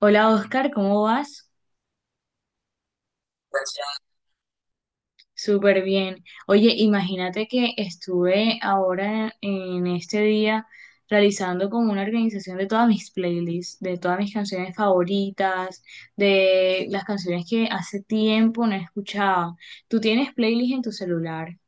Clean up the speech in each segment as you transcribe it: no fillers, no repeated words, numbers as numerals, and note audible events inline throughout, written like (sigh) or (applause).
Hola Oscar, ¿cómo vas? Súper bien. Oye, imagínate que estuve ahora en este día realizando como una organización de todas mis playlists, de todas mis canciones favoritas, de las canciones que hace tiempo no escuchaba. ¿Tú tienes playlist en tu celular?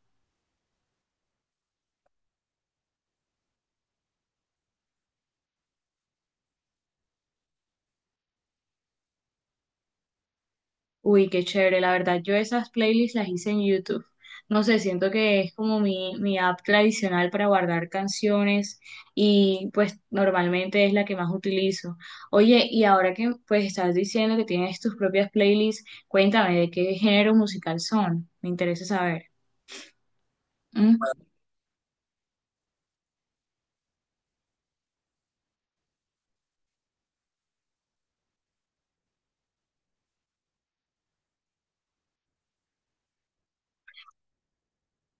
Uy, qué chévere, la verdad, yo esas playlists las hice en YouTube. No sé, siento que es como mi app tradicional para guardar canciones y pues normalmente es la que más utilizo. Oye, y ahora que pues estás diciendo que tienes tus propias playlists, cuéntame de qué género musical son, me interesa saber. ¿Mm?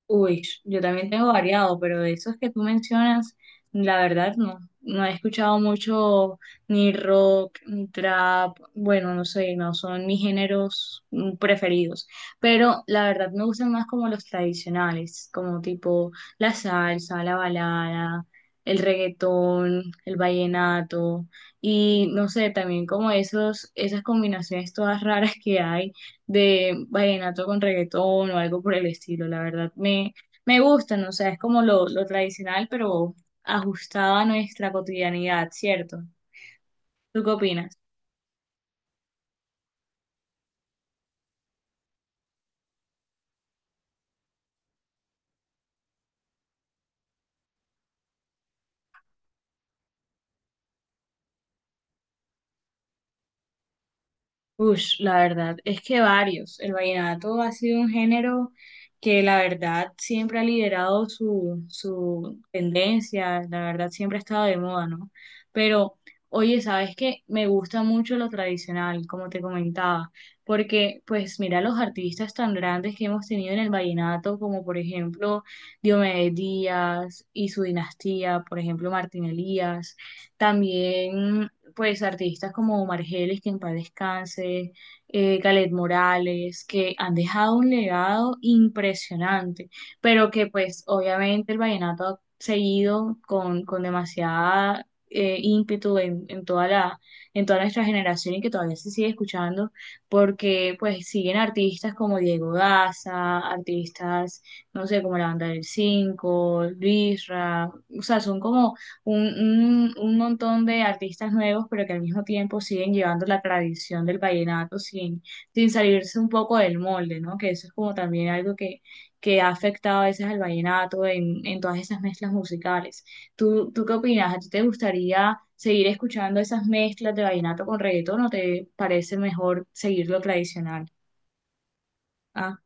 Uy, yo también tengo variado, pero de esos que tú mencionas, la verdad no, no he escuchado mucho ni rock, ni trap, bueno, no sé, no son mis géneros preferidos, pero la verdad me gustan más como los tradicionales, como tipo la salsa, la balada, el reggaetón, el vallenato y no sé, también como esos, esas combinaciones todas raras que hay de vallenato con reggaetón o algo por el estilo. La verdad me gustan, o sea, es como lo tradicional, pero ajustado a nuestra cotidianidad, ¿cierto? ¿Tú qué opinas? Ush, la verdad es que varios. El vallenato ha sido un género que la verdad siempre ha liderado su tendencia, la verdad siempre ha estado de moda, ¿no? Pero, oye, ¿sabes qué? Me gusta mucho lo tradicional, como te comentaba, porque pues mira los artistas tan grandes que hemos tenido en el vallenato, como por ejemplo Diomedes Díaz y su dinastía, por ejemplo Martín Elías, también pues artistas como Margelis, que en paz descanse, Galet Morales, que han dejado un legado impresionante, pero que pues obviamente el vallenato ha seguido con demasiada ímpetu en toda nuestra generación y que todavía se sigue escuchando, porque pues siguen artistas como Diego Daza, artistas, no sé, como la banda del 5, Luisra, o sea, son como un, un montón de artistas nuevos, pero que al mismo tiempo siguen llevando la tradición del vallenato sin salirse un poco del molde, ¿no? Que eso es como también algo que ha afectado a veces al vallenato en todas esas mezclas musicales. ¿Tú qué opinas? ¿A ti te gustaría seguir escuchando esas mezclas de vallenato con reggaetón o te parece mejor seguir lo tradicional? Ah.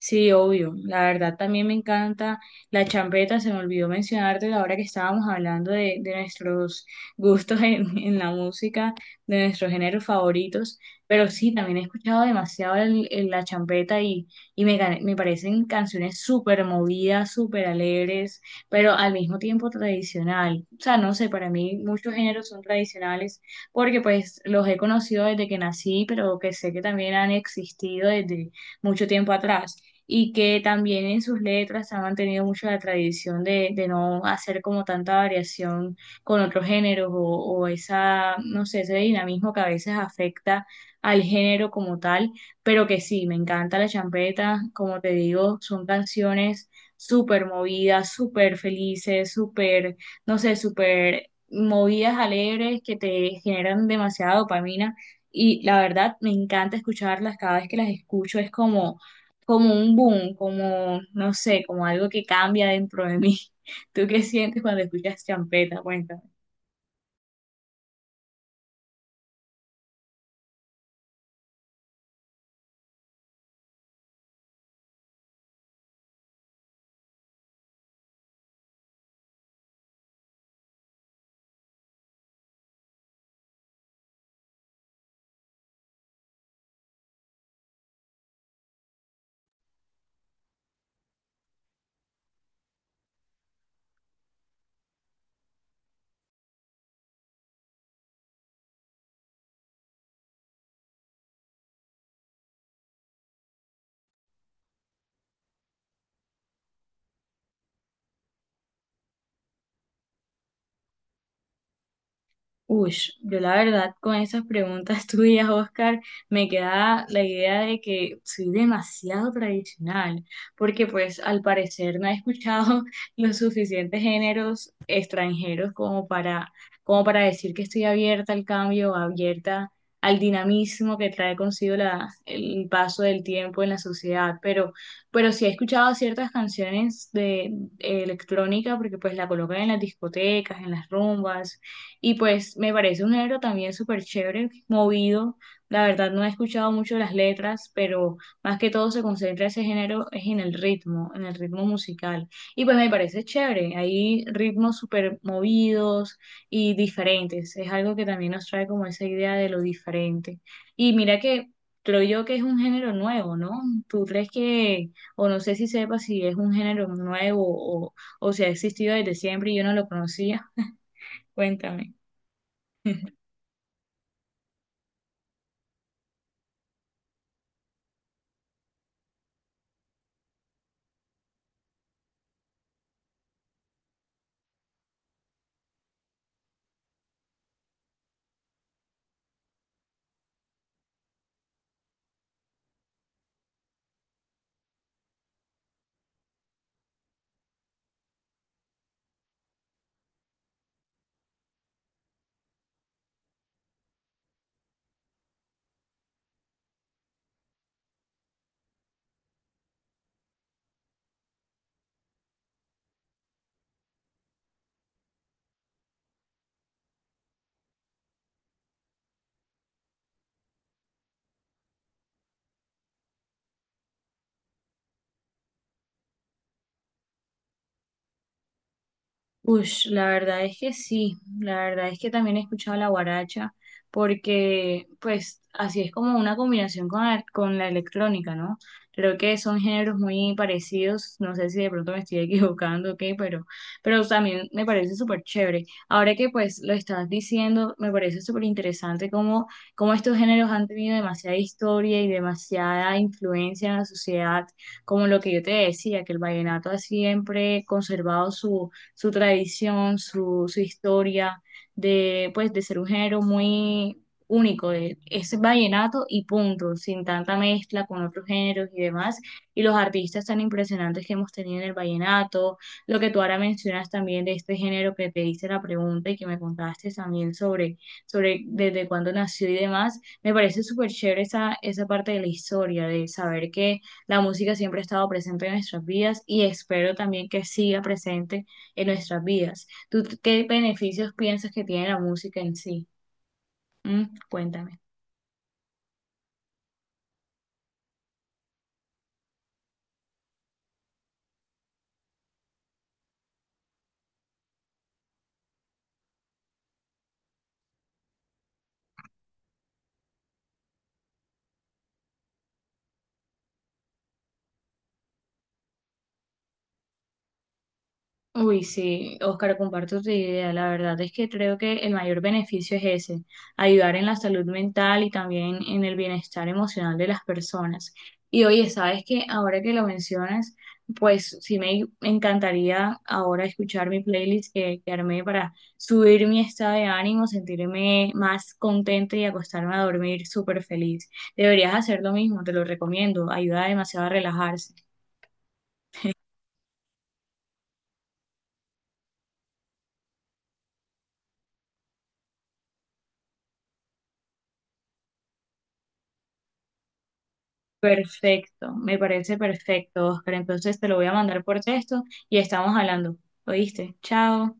Sí, obvio. La verdad también me encanta la champeta. Se me olvidó mencionarte la hora que estábamos hablando de nuestros gustos en, (laughs) en la música, de nuestros géneros favoritos. Pero sí, también he escuchado demasiado la champeta y me parecen canciones súper movidas, súper alegres, pero al mismo tiempo tradicional. O sea, no sé, para mí muchos géneros son tradicionales porque pues los he conocido desde que nací, pero que sé que también han existido desde mucho tiempo atrás y que también en sus letras han mantenido mucho la tradición de no hacer como tanta variación con otros géneros o esa, no sé, ese dinamismo que a veces afecta al género como tal, pero que sí, me encanta la champeta, como te digo, son canciones súper movidas, súper felices, súper, no sé, súper movidas alegres que te generan demasiada dopamina y la verdad me encanta escucharlas, cada vez que las escucho es como un boom, como, no sé, como algo que cambia dentro de mí. (laughs) ¿Tú qué sientes cuando escuchas champeta? Cuéntame. Uy, yo la verdad con esas preguntas (laughs) tuyas, Oscar, me queda la idea de que soy demasiado tradicional, porque pues al parecer no he escuchado (laughs) los suficientes géneros extranjeros como para decir que estoy abierta al cambio, abierta al dinamismo que trae consigo la, el paso del tiempo en la sociedad, pero sí he escuchado ciertas canciones de electrónica, porque pues la colocan en las discotecas, en las rumbas y pues me parece un género también súper chévere, movido. La verdad no he escuchado mucho las letras, pero más que todo se concentra ese género es en el ritmo musical. Y pues me parece chévere. Hay ritmos súper movidos y diferentes. Es algo que también nos trae como esa idea de lo diferente. Y mira que creo yo que es un género nuevo, ¿no? ¿Tú crees que, o no sé si sepas si es un género nuevo o si ha existido desde siempre y yo no lo conocía? Cuéntame. Ush, la verdad es que sí, la verdad es que también he escuchado la guaracha, porque pues así es como una combinación con la electrónica, ¿no? Creo que son géneros muy parecidos, no sé si de pronto me estoy (laughs) equivocando o qué, pero también me parece súper chévere. Ahora que pues lo estás diciendo, me parece súper interesante cómo estos géneros han tenido demasiada historia y demasiada influencia en la sociedad, como lo que yo te decía, que el vallenato ha siempre conservado su tradición, su historia de, pues, de ser un género muy único, es vallenato y punto, sin tanta mezcla con otros géneros y demás, y los artistas tan impresionantes que hemos tenido en el vallenato, lo que tú ahora mencionas también de este género que te hice la pregunta y que me contaste también sobre desde cuándo nació y demás, me parece súper chévere esa parte de la historia, de saber que la música siempre ha estado presente en nuestras vidas y espero también que siga presente en nuestras vidas. ¿Tú qué beneficios piensas que tiene la música en sí? Mm, cuéntame. Uy, sí, Oscar, comparto tu idea. La verdad es que creo que el mayor beneficio es ese, ayudar en la salud mental y también en el bienestar emocional de las personas. Y oye, sabes que ahora que lo mencionas, pues sí me encantaría ahora escuchar mi playlist que armé para subir mi estado de ánimo, sentirme más contenta y acostarme a dormir súper feliz. Deberías hacer lo mismo, te lo recomiendo, ayuda demasiado a relajarse. Perfecto, me parece perfecto, Oscar. Entonces te lo voy a mandar por texto y estamos hablando. ¿Oíste? Chao.